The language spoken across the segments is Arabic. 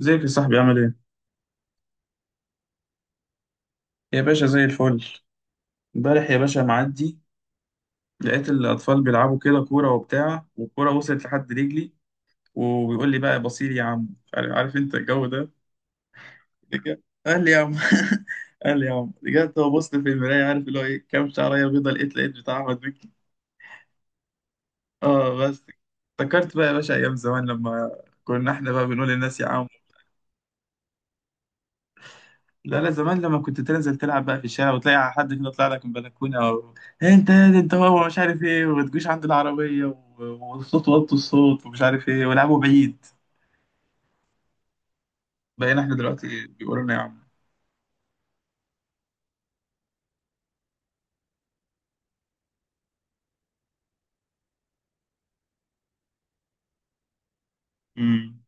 ازيك يا صاحبي؟ عامل ايه؟ يا باشا زي الفل. امبارح يا باشا معدي لقيت الأطفال بيلعبوا كده كورة وبتاع، والكورة وصلت لحد رجلي وبيقول لي بقى بصير يا عم. عارف انت الجو ده. رجع- قال لي يا عم. قال لي يا عم، رجعت وبصت في المراية، عارف اللي هو ايه، كام شعرية بيضة لقيت بتاع أحمد مكي. اه بس، افتكرت بقى يا باشا أيام زمان، لما كنا احنا بقى بنقول للناس يا عم. لا لا، زمان لما كنت تنزل تلعب بقى في الشارع وتلاقي حد كده طلع لك من بلكونه او إيه، انت يا دي انت، هو مش عارف ايه، وما تجوش عند العربيه والصوت، وطوا الصوت ومش عارف ايه، ولعبوا بعيد. بقينا احنا دلوقتي إيه، بيقولوا لنا يا عم. امم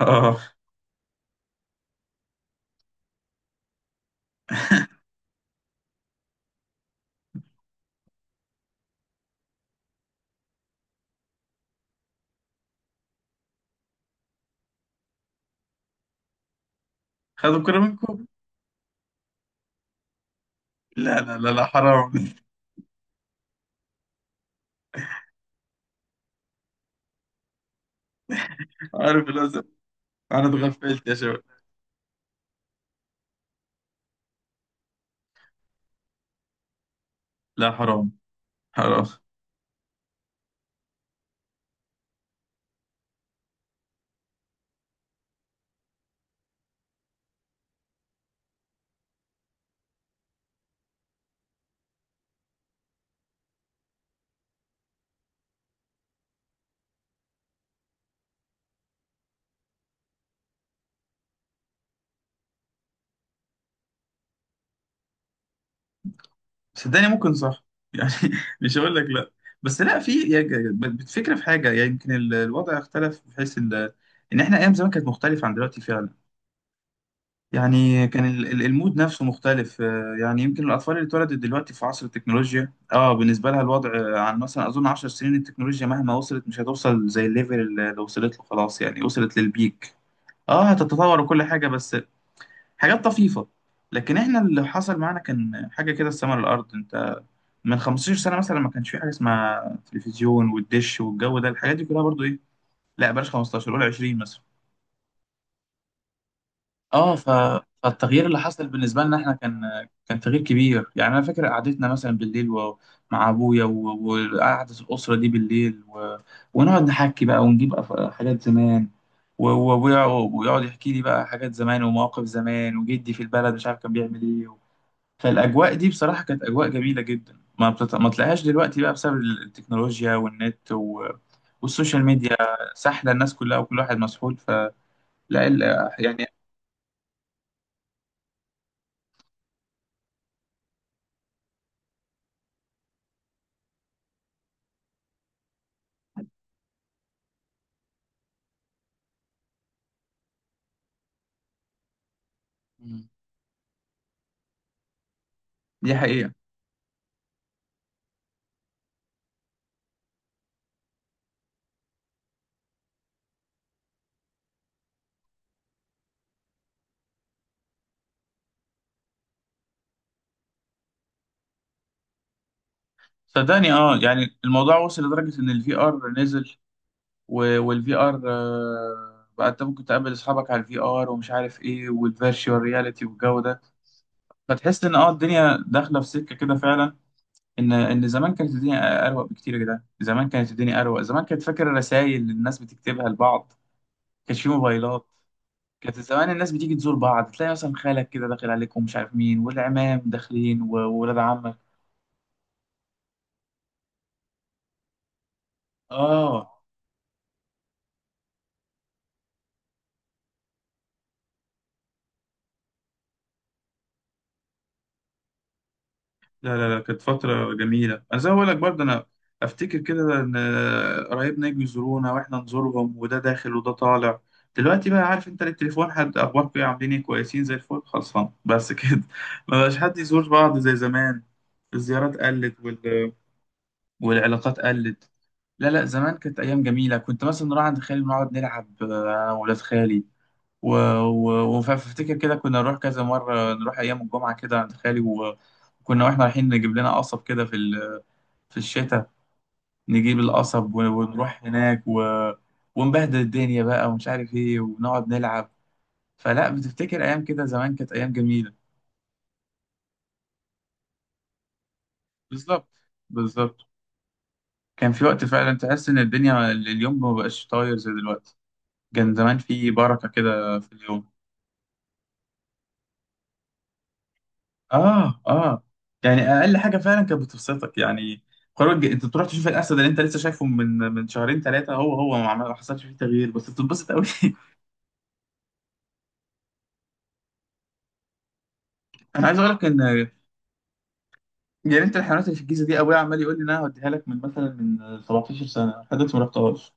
اه، خدوا الكوره منكم. لا لا لا لا حرام. عارف الازم، انا اتغفلت يا شباب. لا حرام، حرام. صدقني ممكن صح، يعني مش هقول لك لا، بس لا، في يعني بتفكر في حاجه، يعني يمكن الوضع اختلف بحيث ان احنا ايام زمان كانت مختلفه عن دلوقتي فعلا. يعني كان المود نفسه مختلف، آه، يعني يمكن الأطفال اللي اتولدت دلوقتي في عصر التكنولوجيا، اه بالنسبة لها الوضع آه، عن مثلا أظن عشر سنين التكنولوجيا مهما وصلت مش هتوصل زي الليفل اللي وصلت له، خلاص يعني وصلت للبيك. اه هتتطور وكل حاجة، بس حاجات طفيفة. لكن احنا اللي حصل معانا كان حاجة كده السما للأرض. انت من 15 سنة مثلا ما كانش في حاجة اسمها تلفزيون والدش والجو ده، الحاجات دي كلها برضو ايه. لا بلاش 15، قول 20 مثلا. اه ف... فالتغيير اللي حصل بالنسبه لنا احنا كان، كان تغيير كبير. يعني انا فاكر قعدتنا مثلا بالليل مع ابويا وقعده الاسره دي بالليل، و... ونقعد نحكي بقى ونجيب حاجات زمان، وابويا ويقعد يحكي لي بقى حاجات زمان ومواقف زمان، وجدي في البلد مش عارف كان بيعمل ايه. و... فالاجواء دي بصراحه كانت اجواء جميله جدا، ما تلاقيهاش دلوقتي بقى بسبب التكنولوجيا والنت و... والسوشيال ميديا. سحله الناس كلها وكل واحد مسحول. فلا ال... يعني. مم. دي حقيقه. صدقني اه، يعني الموضوع وصل لدرجة ان الفي ار نزل، والفي ار بقى انت ممكن تقابل اصحابك على الفي ار ومش عارف ايه، والفيرتشوال رياليتي والجو ده. فتحس ان اه الدنيا داخلة في سكة كده فعلا. ان زمان كانت الدنيا اروق بكتير يا جدعان. زمان كانت الدنيا اروق. زمان كانت، فاكر الرسائل اللي الناس بتكتبها لبعض؟ كانش في موبايلات. كانت زمان الناس بتيجي تزور بعض، تلاقي مثلا خالك كده داخل عليك ومش عارف مين، والعمام داخلين وولاد عمك. اه. لا لا لا كانت فترة جميلة. أنا زي ما بقول لك برضه، أنا أفتكر كده إن قرايبنا يجوا يزورونا وإحنا نزورهم، وده داخل وده طالع. دلوقتي بقى عارف أنت التليفون، حد أخباركم إيه، عاملين إيه، كويسين زي الفل، خلصان بس كده. ما بقاش حد يزور بعض زي زمان. الزيارات قلت والعلاقات قلت. لا لا، زمان كانت أيام جميلة. كنت مثلا نروح عند خالي ونقعد نلعب، آه، أنا وولاد خالي، و... و... وفافتكر كده كنا نروح كذا مرة، نروح أيام الجمعة كده عند خالي، و- وكنا واحنا رايحين نجيب لنا قصب كده في في الشتاء. نجيب القصب و... ونروح هناك، و... ونبهدل الدنيا بقى ومش عارف ايه، ونقعد نلعب. فلا بتفتكر أيام كده زمان كانت أيام جميلة. بالظبط، بالظبط. كان في وقت فعلا تحس إن الدنيا اليوم ما بقاش طاير زي دلوقتي. كان زمان في بركة كده في اليوم. اه اه، يعني اقل حاجه فعلا كانت بتبسطك، يعني انت تروح تشوف الاسد اللي انت لسه شايفه من شهرين ثلاثه، هو ما حصلش فيه تغيير، بس بتتبسط قوي. انا عايز اقول لك ان جنينه الحيوانات اللي في الجيزه دي، ابويا عمال يقول لي ان انا هوديها لك من مثلا من 17 سنه، لحد دلوقتي ما رحتهاش.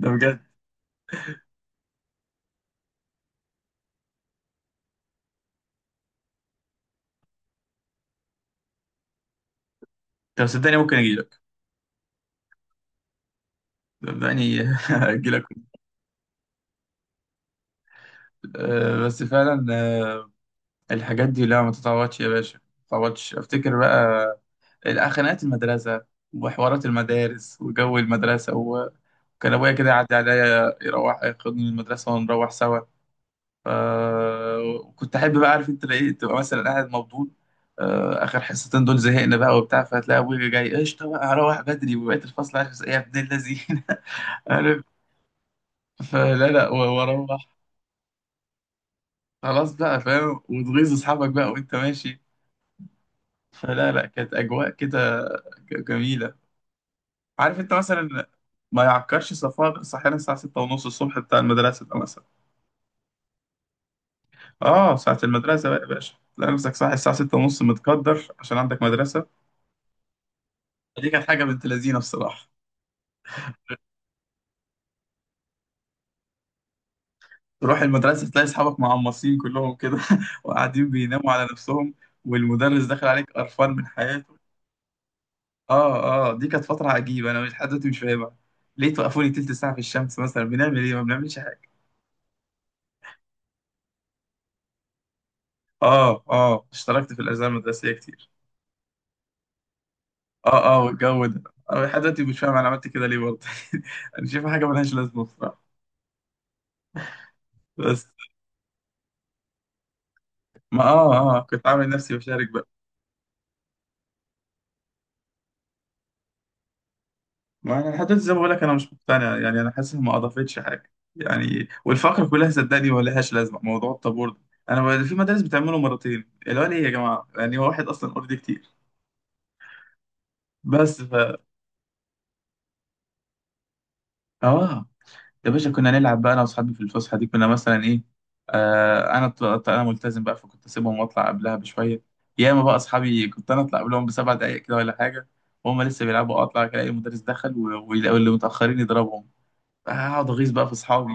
ده بجد. طب صدقني ممكن اجي لك. صدقني اجي لك. آه بس فعلا آه، الحاجات دي لا ما تتعوضش يا باشا، ما تتعوضش. افتكر بقى الخناقات، المدرسه وحوارات المدارس وجو المدرسة. كان ابويا كده يعدي عليا، يروح ياخدني من المدرسه ونروح سوا. ف كنت احب بقى، عارف انت لقيت تبقى مثلا قاعد مبدون، آه، اخر حصتين دول زهقنا بقى وبتاع، فتلاقي ابويا جاي، قشطه بقى هروح بدري، وبقيت الفصل عارف ايه، يا ابن اللذين. عارف، فلا لا واروح. خلاص بقى فاهم، وتغيظ اصحابك بقى وانت ماشي. فلا لا كانت اجواء كده جميله. عارف انت مثلا، ما يعكرش صفاء صحينا الساعه 6:30 الصبح، بتاع المدرسه ده مثلا. اه ساعة المدرسة بقى يا باشا، تلاقي نفسك صاحي الساعة ستة ونص، متقدر عشان عندك مدرسة. دي كانت حاجة بنت لذينة بصراحة. تروح المدرسة تلاقي أصحابك معمصين كلهم كده، وقاعدين بيناموا على نفسهم، والمدرس داخل عليك قرفان من حياته. اه اه، دي كانت فترة عجيبة، أنا مش لحد دلوقتي مش فاهمها. ليه توقفوني تلت ساعة في الشمس؟ مثلا بنعمل إيه؟ ما بنعملش حاجة. اه اه، اشتركت في الأجزاء المدرسية كتير. اه اه والجو ده. أنا لحد دلوقتي مش فاهم أنا عملت كده ليه برضه. أنا شايفها حاجة ملهاش لازمة بصراحة. بس ما اه اه كنت عامل نفسي بشارك بقى. ما انا لحد دلوقتي زي ما بقول لك، انا مش مقتنع، يعني انا حاسس ما اضافتش حاجه، يعني والفقره كلها صدقني ما لهاش لازمه، موضوع الطابور ده انا في مدارس بتعمله مرتين، اللي هو ليه يا جماعه، يعني هو واحد اصلا اوريدي كتير. بس ف اه، يا باشا كنا نلعب بقى انا واصحابي في الفسحه دي، كنا مثلا ايه، آه انا انا ملتزم بقى، فكنت اسيبهم واطلع قبلها بشويه. ياما بقى اصحابي، كنت انا اطلع قبلهم بسبع دقائق كده ولا حاجه، وهم لسه بيلعبوا. اطلع الاقي المدرس دخل، و- ويلاقوا اللي متاخرين يضربهم. هقعد اغيظ بقى في اصحابي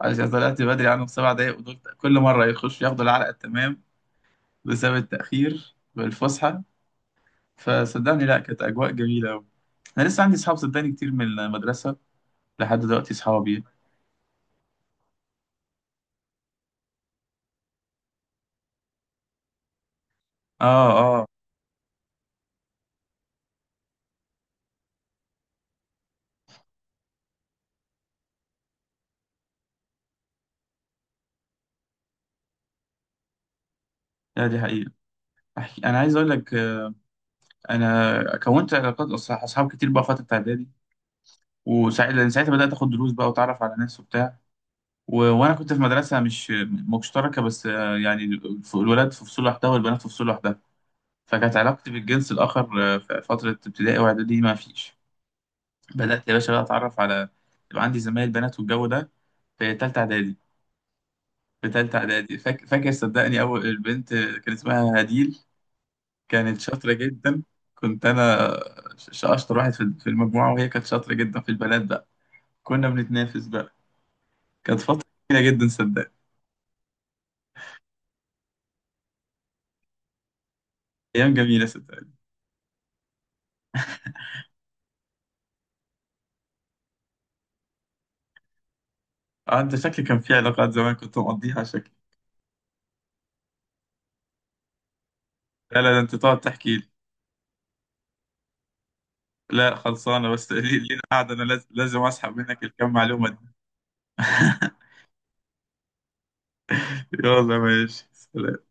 عشان طلعت بدري عنهم سبع دقايق، ودول كل مره يخشوا ياخدوا العلقه التمام بسبب التاخير والفسحه. فصدقني لا كانت اجواء جميله قوي. انا لسه عندي اصحاب صدقني كتير من المدرسه لحد دلوقتي اصحابي. اه اه. لا دي حقيقه. أحكي. انا عايز اقول لك آه، انا كونت علاقات اصحاب كتير بقى فتره اعدادي، وساعتها بدات اخد دروس بقى واتعرف على ناس وبتاع. و... وانا كنت في مدرسه مش مشتركه، بس آه، يعني الولاد في فصول لوحدها والبنات في فصول لوحدها. فكانت علاقتي بالجنس الآخر آه، في فترة ابتدائي وإعدادي ما فيش. بدأت يا باشا بقى أتعرف على، يبقى عندي زمايل بنات والجو ده في تالتة إعدادي. في تالتة إعدادي فاكر صدقني أول البنت آه، كان اسمها هديل. كانت شاطرة جدا. كنت أنا أشطر واحد في في المجموعة، وهي كانت شاطرة جدا في البنات بقى. كنا بنتنافس بقى. كانت فترة جميلة جدا صدقني. أيام جميلة صدقني. آه، أنت شكلي كان في علاقات زمان كنت مقضيها شكلي. لا لا ده أنت تقعد تحكي. لا خلصانة بس لينا قاعدة، أنا لازم أسحب منك الكم معلومة دي. يلا ماشي، سلام.